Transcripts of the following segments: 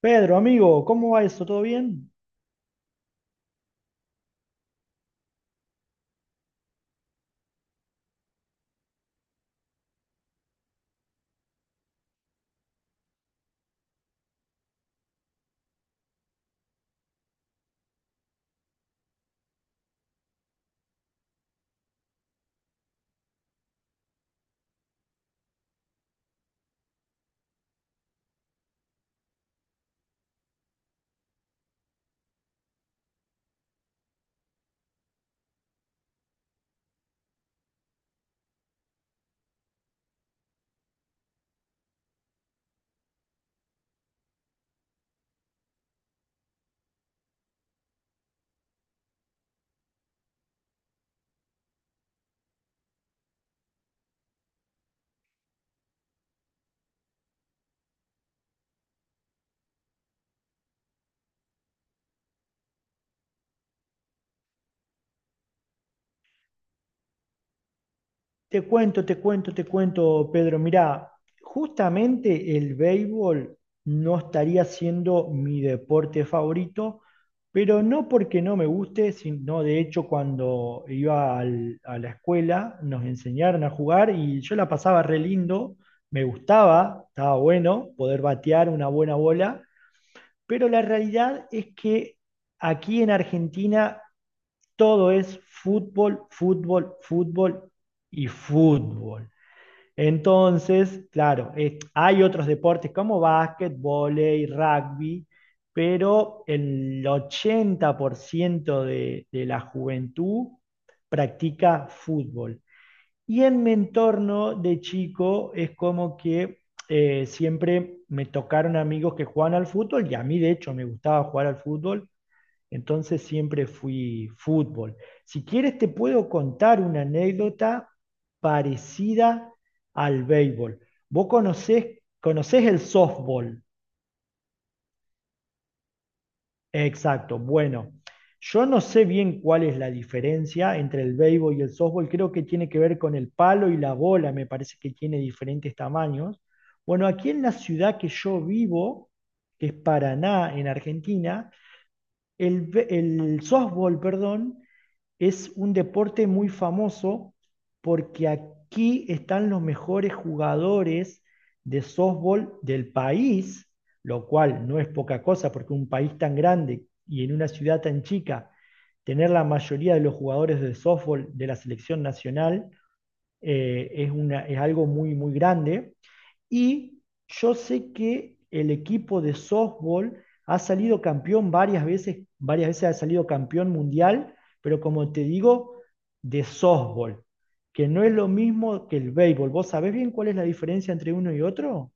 Pedro, amigo, ¿cómo va eso? ¿Todo bien? Te cuento, te cuento, te cuento, Pedro. Mirá, justamente el béisbol no estaría siendo mi deporte favorito, pero no porque no me guste, sino de hecho cuando iba a la escuela nos enseñaron a jugar y yo la pasaba re lindo, me gustaba, estaba bueno poder batear una buena bola, pero la realidad es que aquí en Argentina todo es fútbol, fútbol, fútbol y fútbol. Entonces, claro, hay otros deportes como básquet, vóley, rugby, pero el 80% de la juventud practica fútbol. Y en mi entorno de chico es como que siempre me tocaron amigos que juegan al fútbol y a mí de hecho me gustaba jugar al fútbol, entonces siempre fui fútbol. Si quieres te puedo contar una anécdota parecida al béisbol. Vos conocés el softball. Exacto. Bueno, yo no sé bien cuál es la diferencia entre el béisbol y el softball. Creo que tiene que ver con el palo y la bola. Me parece que tiene diferentes tamaños. Bueno, aquí en la ciudad que yo vivo, que es Paraná, en Argentina, el softball, perdón, es un deporte muy famoso porque aquí están los mejores jugadores de softball del país, lo cual no es poca cosa porque un país tan grande y en una ciudad tan chica, tener la mayoría de los jugadores de softball de la selección nacional es, una, es algo muy, muy grande. Y yo sé que el equipo de softball ha salido campeón varias veces ha salido campeón mundial, pero como te digo, de softball, que no es lo mismo que el béisbol. ¿Vos sabés bien cuál es la diferencia entre uno y otro?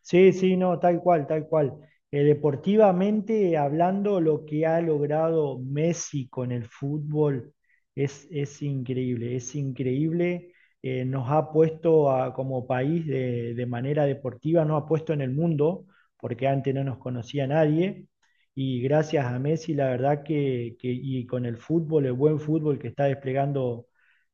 Sí, sí, no, tal cual, tal cual. Deportivamente hablando, lo que ha logrado Messi con el fútbol es increíble, es increíble. Nos ha puesto como país de manera deportiva, nos ha puesto en el mundo, porque antes no nos conocía nadie. Y gracias a Messi, la verdad que, y con el fútbol, el buen fútbol que está desplegando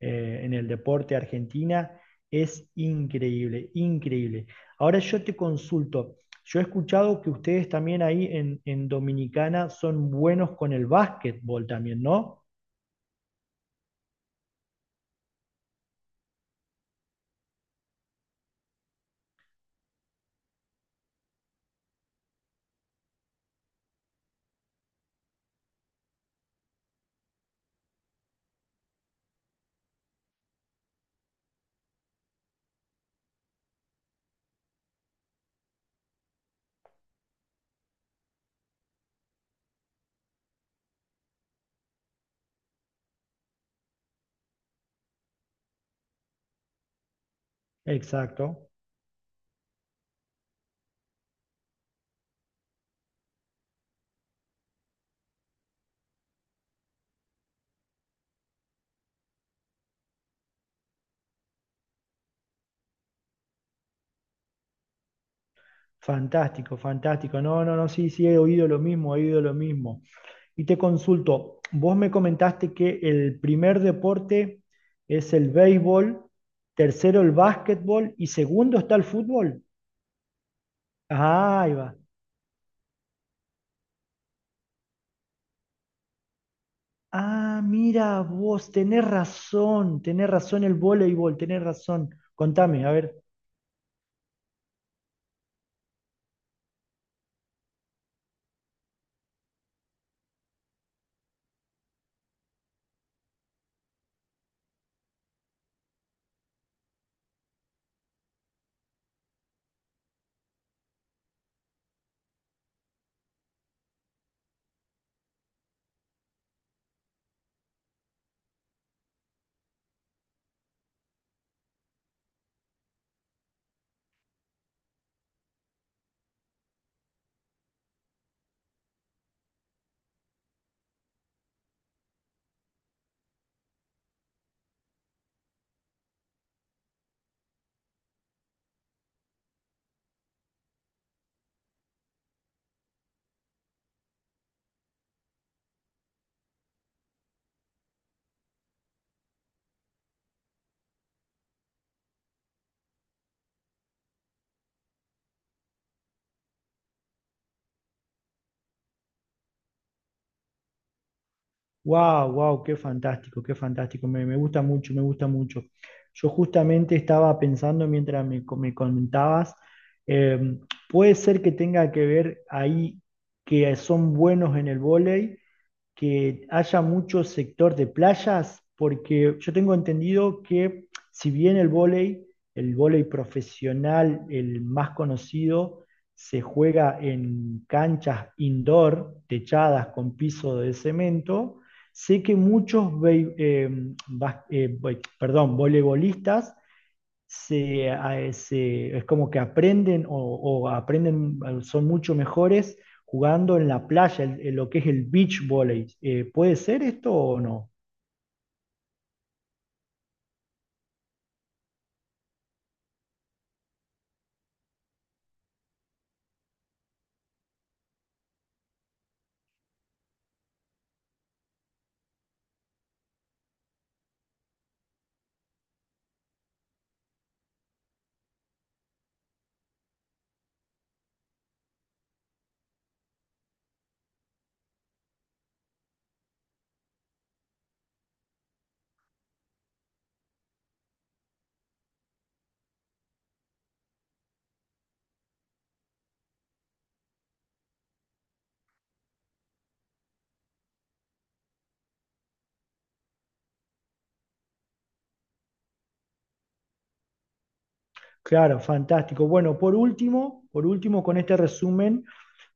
en el deporte Argentina, es increíble, increíble. Ahora yo te consulto, yo he escuchado que ustedes también ahí en Dominicana son buenos con el básquetbol también, ¿no? Exacto. Fantástico, fantástico. No, no, no, sí, sí, he oído lo mismo, he oído lo mismo. Y te consulto, vos me comentaste que el primer deporte es el béisbol, tercero el básquetbol y segundo está el fútbol. Ah, ahí va. Ah, mira vos, tenés razón el voleibol, tenés razón. Contame, a ver. Wow, wow, qué fantástico, qué fantástico. Me gusta mucho, me gusta mucho. Yo justamente estaba pensando mientras me comentabas, eh, puede ser que tenga que ver ahí que son buenos en el vóley que haya mucho sector de playas, porque yo tengo entendido que si bien el vóley profesional, el más conocido, se juega en canchas indoor, techadas con piso de cemento, sé que muchos vei- bas- voi- perdón, voleibolistas es como que aprenden o aprenden, son mucho mejores jugando en la playa, lo que es el beach volley. ¿Puede ser esto o no? Claro, fantástico. Bueno, por último, con este resumen,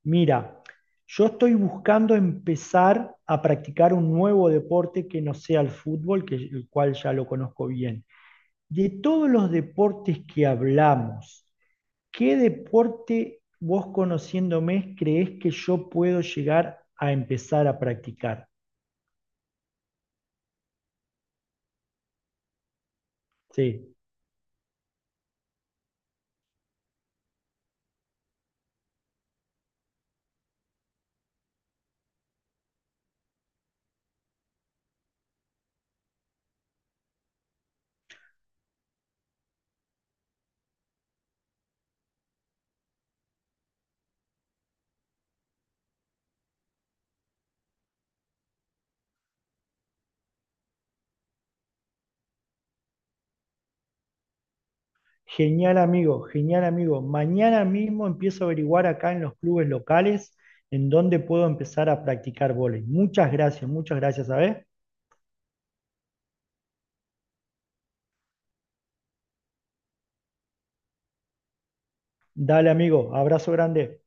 mira, yo estoy buscando empezar a practicar un nuevo deporte que no sea el fútbol, que, el cual ya lo conozco bien. De todos los deportes que hablamos, ¿qué deporte vos conociéndome creés que yo puedo llegar a empezar a practicar? Sí. Genial amigo, genial amigo. Mañana mismo empiezo a averiguar acá en los clubes locales en dónde puedo empezar a practicar vóley. Muchas gracias, ¿sabes? Dale amigo, abrazo grande.